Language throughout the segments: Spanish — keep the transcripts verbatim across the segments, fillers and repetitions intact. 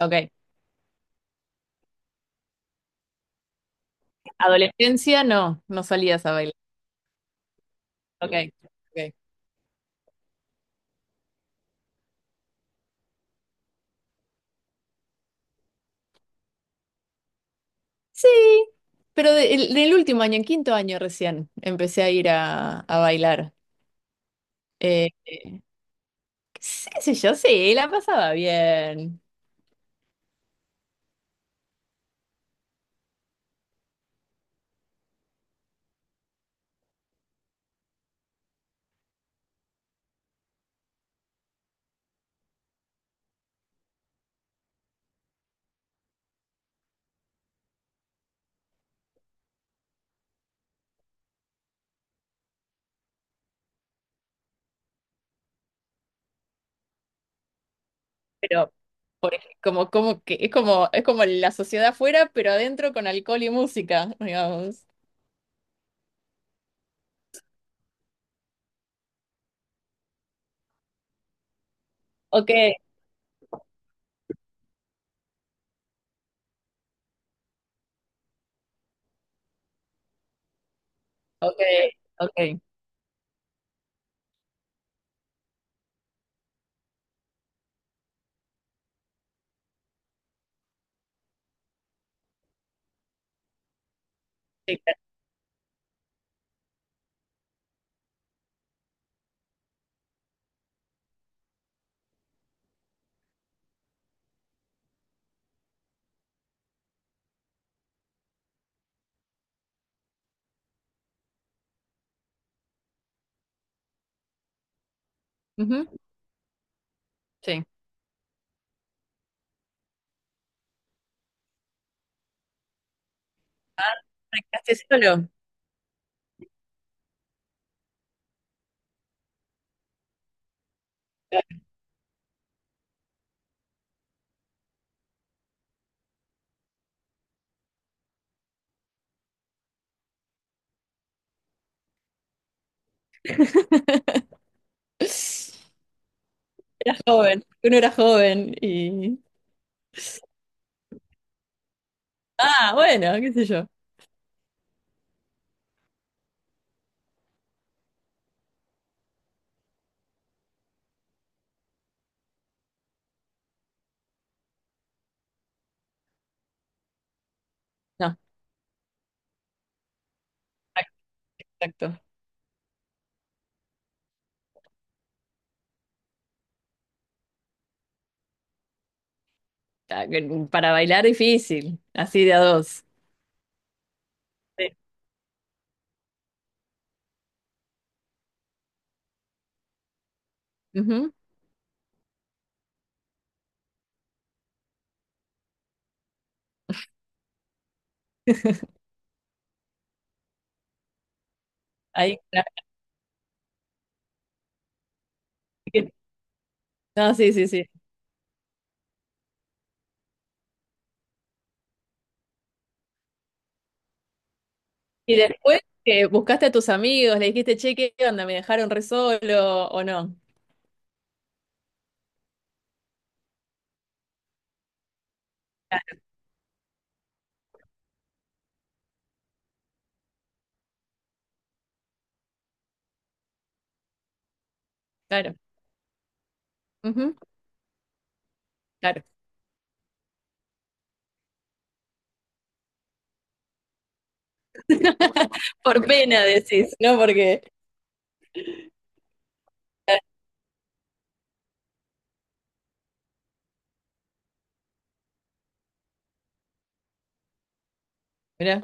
Ok. Adolescencia, no, no salías a bailar. Ok. Ok. Sí, pero de- el- del último año, en quinto año recién, empecé a ir a, a bailar. Eh, sí, sí, yo sí, la pasaba bien. Pero, por ej- como, como que es como, es como la sociedad afuera, pero adentro con alcohol y música, digamos. Ok, ok, ok. Sí, claro. Ujú, sí. Ah, ¿practicaste solo? Joven, uno era joven y. Ah, bueno, qué sé yo. No, exacto. Ah, que para bailar difícil, así de a dos. Sí. Ujú. Ahí, claro. No, sí, sí, sí. Y después que buscaste a tus amigos, le dijiste, che, ¿qué onda? ¿Me dejaron re solo o no? Claro. Ujú, claro. Por pena decís, ¿no? Porque, mirá,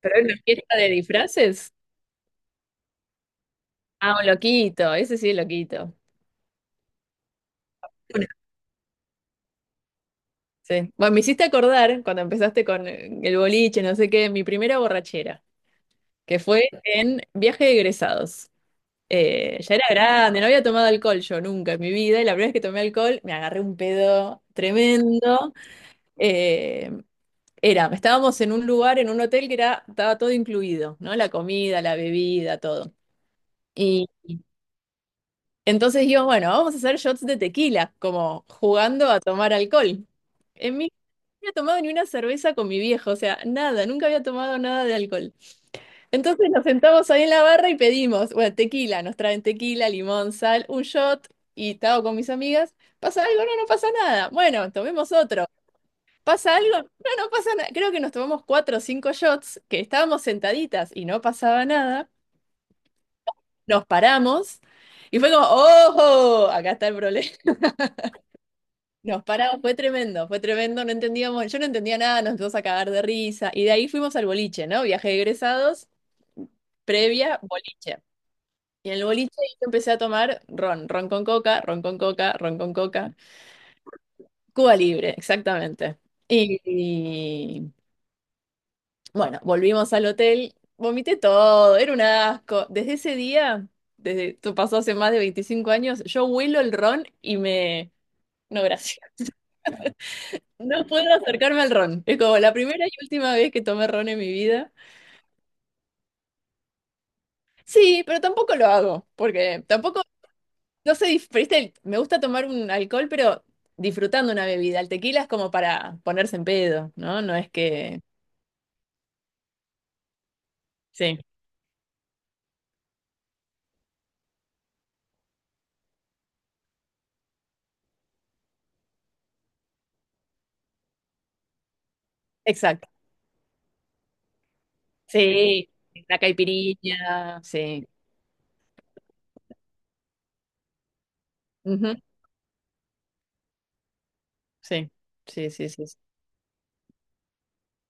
pero es una fiesta de disfraces. Ah, un loquito, ese sí es loquito. Sí. Bueno, me hiciste acordar cuando empezaste con eh, el boliche, no sé qué, mi primera borrachera. Que fue en viaje de egresados. Eh, ya era grande, no había tomado alcohol yo nunca en mi vida, y la primera vez que tomé alcohol me agarré un pedo tremendo. Eh, era, estábamos en un lugar, en un hotel que era, estaba todo incluido, ¿no? La comida, la bebida, todo. Y entonces dijimos, bueno, vamos a hacer shots de tequila, como jugando a tomar alcohol. En mi no había tomado ni una cerveza con mi viejo, o sea, nada, nunca había tomado nada de alcohol. Entonces nos sentamos ahí en la barra y pedimos, bueno, tequila, nos traen tequila, limón, sal, un shot y estaba con mis amigas. ¿Pasa algo? No, no pasa nada. Bueno, tomemos otro. ¿Pasa algo? No, no pasa nada. Creo que nos tomamos cuatro o cinco shots, que estábamos sentaditas y no pasaba nada. Nos paramos y fue como, ¡ojo! Acá está el problema. Nos paramos, fue tremendo, fue tremendo, no entendíamos, yo no entendía nada, nos empezamos a cagar de risa. Y de ahí fuimos al boliche, ¿no? Viaje de egresados, previa, boliche. Y en el boliche yo empecé a tomar ron, ron con coca, ron con coca, ron con coca, Cuba Libre, exactamente. Y, y, bueno, volvimos al hotel, vomité todo, era un asco. Desde ese día, desde esto pasó hace más de veinticinco años, yo huelo el ron y me... No, gracias. No puedo acercarme al ron. Es como la primera y última vez que tomé ron en mi vida. Sí, pero tampoco lo hago, porque tampoco no sé, dif- pero este, me gusta tomar un alcohol, pero disfrutando una bebida. El tequila es como para ponerse en pedo, ¿no? No es que... Sí, exacto. Sí, la caipirinha, sí. Ujú, sí, sí, sí, sí, sí.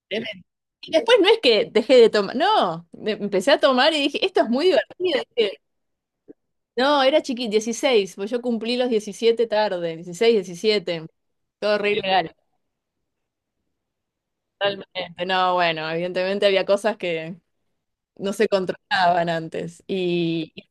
Tremendo. Y después no es que dejé de tomar, no, me- empecé a tomar y dije, esto es muy divertido. Dije, no, era chiquito, dieciséis, pues yo cumplí los diecisiete tarde, dieciséis, diecisiete, todo re ilegal, totalmente. No, bueno, evidentemente había cosas que, no se controlaban antes. Y, y-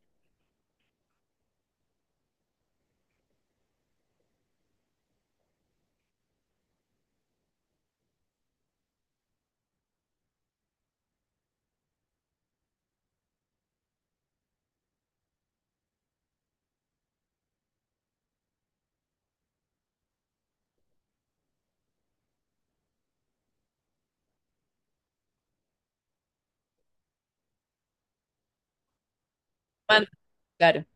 claro, claro,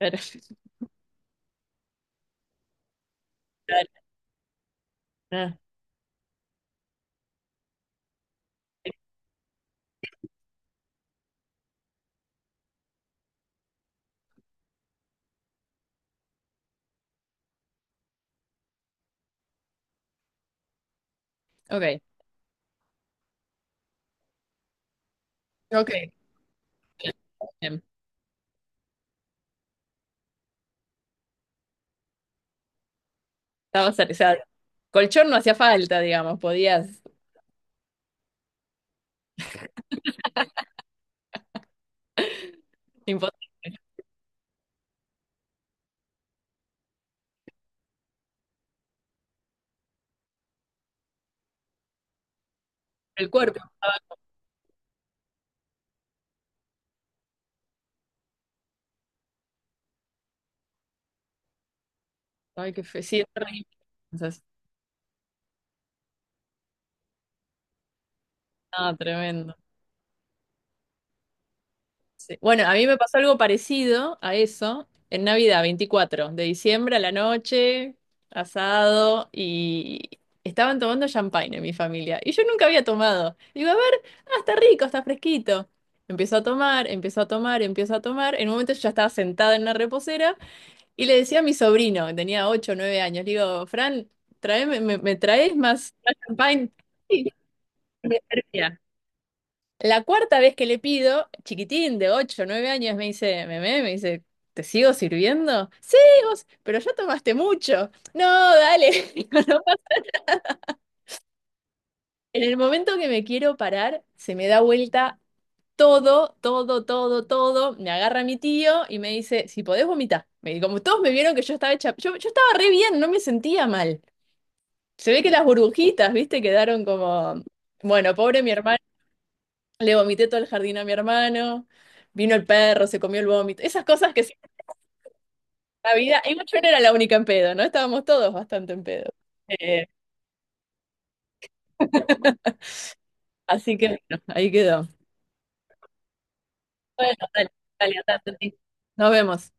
claro, ah, ok, ok, bien, estaba cer- o sea, colchón no hacía falta, digamos, podías imponer el cuerpo. Ay, qué fe, sí, es terrible. Entonces, ah, tremendo. Sí. Bueno, a mí me pasó algo parecido a eso en Navidad, veinticuatro de diciembre a la noche, asado, y estaban tomando champagne en mi familia. Y yo nunca había tomado. Digo, a ver, ah, está rico, está fresquito. Empiezo a tomar, empiezo a tomar, empiezo a tomar. En un momento yo ya estaba sentada en una reposera y le decía a mi sobrino, que tenía ocho, o nueve años, le digo, Fran, tráeme- me, me traes más, más champagne? Sí, me servía. La cuarta vez que le pido, chiquitín de ocho, o nueve años, me dice, meme, me dice, ¿te sigo sirviendo? Sí, vos, pero ya tomaste mucho. No, dale. Digo, "No". En el momento que me quiero parar, se me da vuelta todo, todo, todo, todo. Me agarra mi tío y me dice, si podés vomitar. Me, como todos me vieron que yo estaba hecha, yo, yo estaba re bien, no me sentía mal. Se ve que las burbujitas, viste, quedaron como, bueno, pobre mi hermano. Le vomité todo el jardín a mi hermano, vino el perro, se comió el vómito, esas cosas que siempre en la vida, igual yo no era la única en pedo, ¿no? Estábamos todos bastante en pedo. Eh, así que bueno, ahí quedó. Bueno, dale, dale, andate, sí. Nos vemos.